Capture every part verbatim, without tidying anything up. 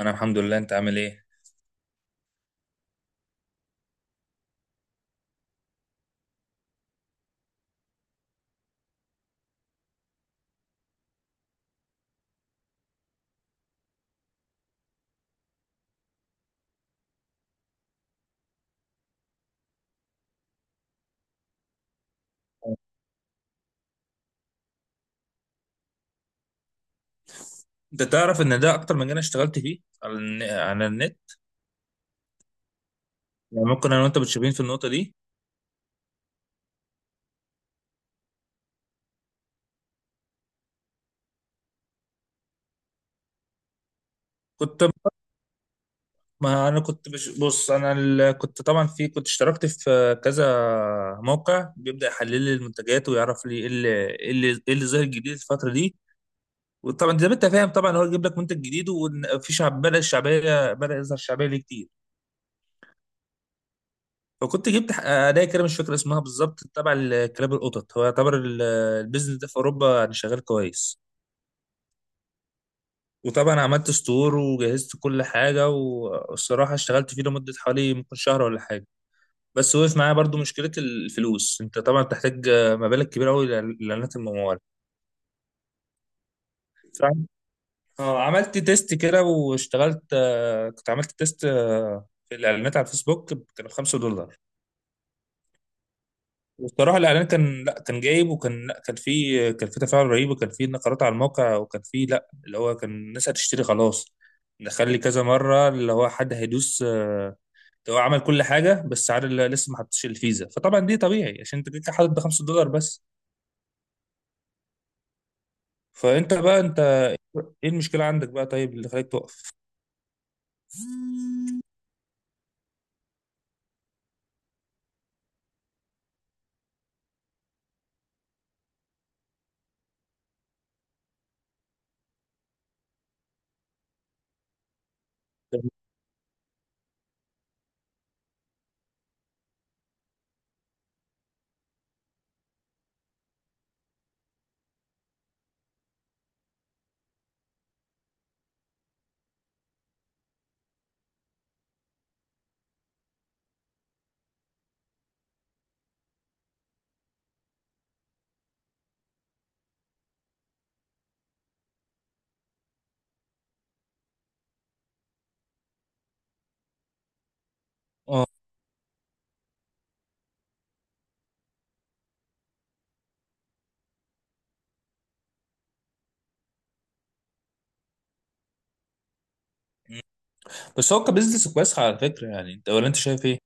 انا الحمد لله، انت عامل ايه؟ انت تعرف ان ده اكتر مجال أنا اشتغلت فيه على الن- على النت. يعني ممكن انا وانت متشابهين في النقطه دي. كنت ما انا كنت بش... بص انا ال... كنت طبعا في كنت اشتركت في كذا موقع بيبدا يحلل لي المنتجات ويعرف لي ايه اللي ايه اللي إيه اللي ظاهر جديد الفتره دي. وطبعا زي ما انت فاهم، طبعا هو يجيب لك منتج جديد، وفي شعب بدا الشعبيه بدا يظهر شعبيه ليه كتير. فكنت جبت ح- اداه كده، مش فاكر اسمها بالظبط، تبع ال- كلاب القطط. هو يعتبر ال- البيزنس ده في اوروبا يعني شغال كويس. وطبعا عملت ستور وجهزت كل حاجة، والصراحة اشتغلت فيه لمدة حوالي ممكن شهر ولا حاجة، بس وقف معايا برضو مشكلة الفلوس. انت طبعا بتحتاج مبالغ كبيرة قوي لإعلانات الممول. فعم- اه، عملت تيست كده، واشتغلت آه، كنت عملت تيست آه، في الإعلانات على الفيسبوك، كانوا خمسة دولار. والصراحة الإعلان كان لا كان جايب، وكان لا كان فيه كان فيه تفاعل رهيب، وكان فيه نقرات على الموقع، وكان فيه لا، اللي هو كان الناس هتشتري خلاص، نخلي كذا مرة اللي هو حد هيدوس، هو عمل كل حاجه، بس عارف اللي لسه ما حطش الفيزا. فطبعا دي طبيعي عشان انت كده حاطط ب خمسة دولار بس. فانت بقى انت ايه المشكله عندك بقى، طيب اللي خليك تقف؟ اه، بس هو كبزنس كويس على فكره. يعني انت، ولا انت شايف ايه؟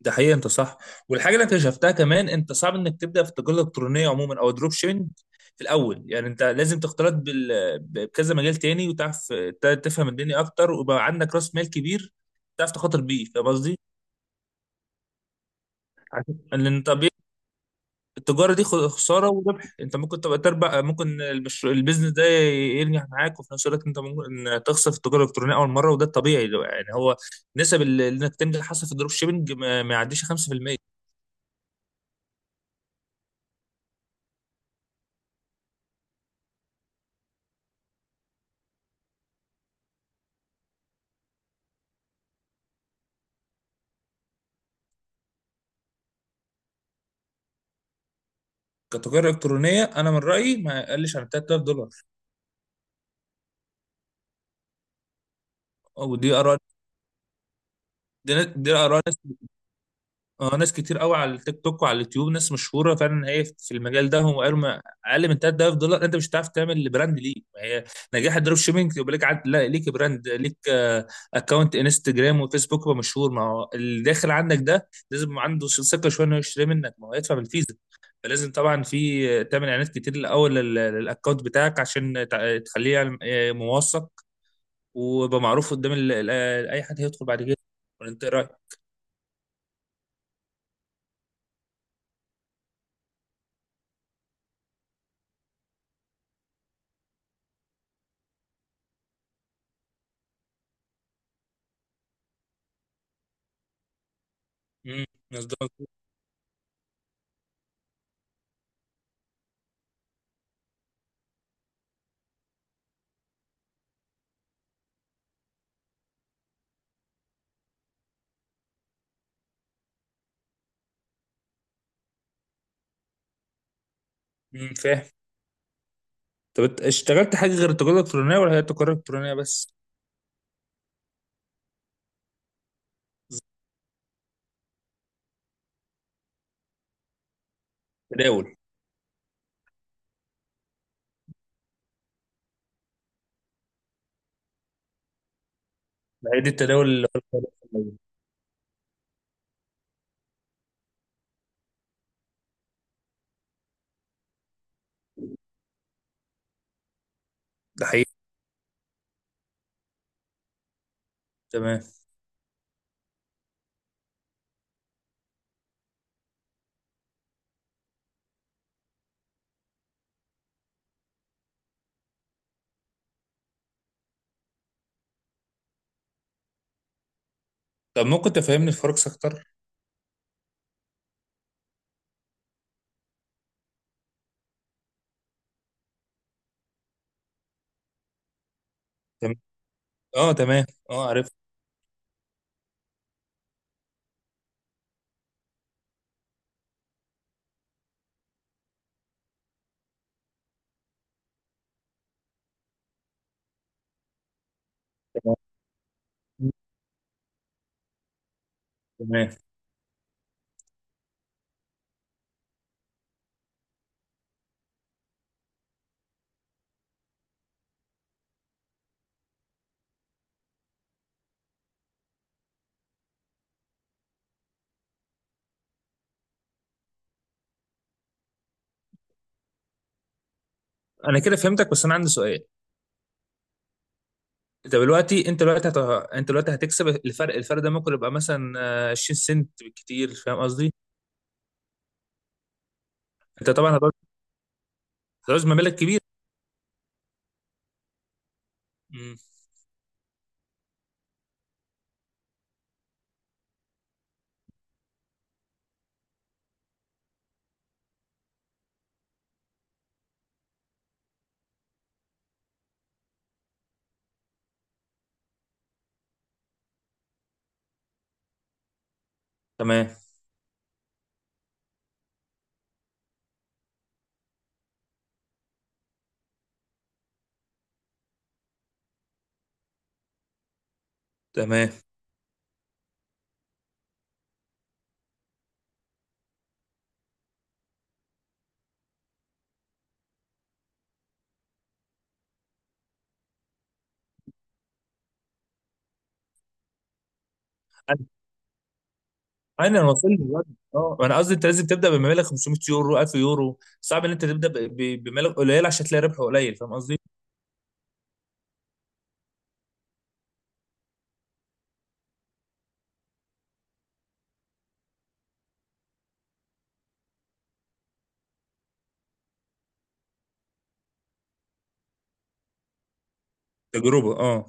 ده حقيقي، انت صح. والحاجه اللي أنا اكتشفتها كمان، انت صعب انك تبدا في التجاره الالكترونيه عموما او الدروب شيبنج في الاول. يعني انت لازم تختلط بال... بكذا مجال تاني، وتعرف ت- تفهم الدنيا اكتر، ويبقى عندك راس مال كبير تعرف تخاطر بيه. فاهم قصدي؟ عشان- لان طبيعي التجارة دي خ- خسارة وربح. انت ممكن تبقى تربح، ممكن المشروع البيزنس ده ينجح معاك، وفي نفس الوقت انت ممكن تخسر في التجارة الإلكترونية أول مرة، وده الطبيعي. يعني هو نسب ال- انك تنجح حصل في الدروب شيبنج ما ما يعديش خمسة بالمية. كتجارة إلكترونية أنا من رأيي ما يقلش عن تلت تلاف دولار، ودي آراء. دي, دي آراء. اه، ناس كتير قوي على التيك توك وعلى اليوتيوب، ناس مشهوره فعلا هي في المجال ده، هم قالوا ما اقل من تلت تلاف دولار انت مش هتعرف تعمل براند ليه. ما هي نجاح الدروب شيبنج، يبقى ليك عد... لا، ليك براند، ليك اكونت انستجرام وفيسبوك يبقى مشهور. ما هو اللي داخل عندك ده لازم يبقى عنده ثقه شويه انه يشتري منك، ما هو يدفع بالفيزا. فلازم طبعا في تعمل اعلانات كتير الاول لل- للاكونت بتاعك عشان تع- تخليه يعلم- آه، موثق، ويبقى معروف قدام ال- ال- اي حد هيدخل بعد كده. ولا انت إيه رايك؟ امم، مظبوط. امم، فاهم. طب انت اشتغلت حاجه غير التجاره الالكترونيه، ولا هي التجاره الالكترونيه بس؟ تداول؟ ده هي دي التداول اللي هو القليل. ده حقيقي. تمام. طب ممكن تفهمني الفرق اكتر؟ تمام. اه، تمام. اه، عرفت. تمام. تمام. انا كده فهمتك، بس انا عندي سؤال. انت دلوقتي انت دلوقتي هت... انت دلوقتي هتكسب الفرق الفرق ده ممكن يبقى مثلا آه، عشرين سنت بالكتير. فاهم قصدي؟ انت طبعا هتعوز هتعوز مبالغ كبيره. امم. تمام. تمام. انا وصلت دلوقتي. اه، انا قصدي انت لازم تبدا بمبالغ خمسمية يورو، ألف يورو، صعب ان انت تبدا ب- ب- بمبالغ قليله عشان تلاقي ربح قليل. فاهم قصدي؟ تجربه، اه.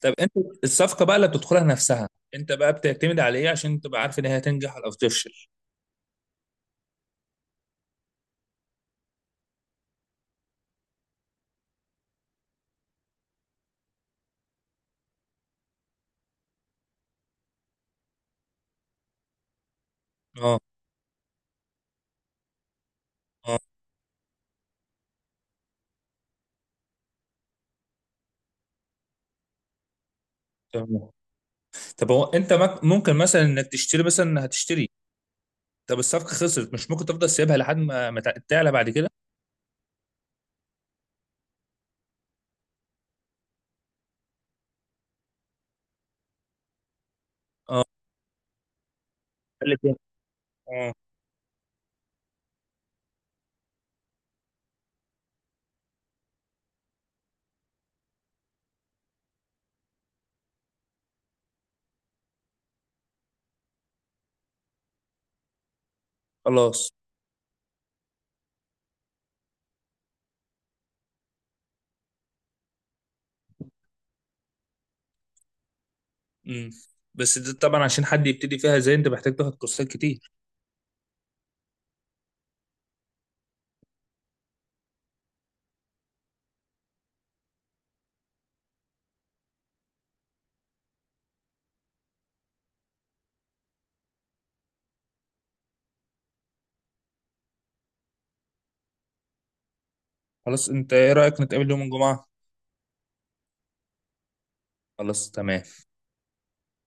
طب انت، الصفقه بقى اللي بتدخلها نفسها، انت بقى بتعتمد على ايه عشان تبقى عارف ان هي هتنجح او تفشل؟ اه. اه. تمام. طب هو انت مك- ممكن مثلا انك تشتري، مثلا هتشتري، طب الصفقه خسرت، مش ممكن تفضل سيبها لحد ما ما تع- تعلى بعد كده؟ اه، اللي تاني. اه. خلاص. امم. بس ده طبعا عشان حد يبتدي فيها زي انت، محتاج تاخد كورسات كتير. خلاص، انت ايه رأيك نتقابل يوم الجمعة؟ خلاص، تمام.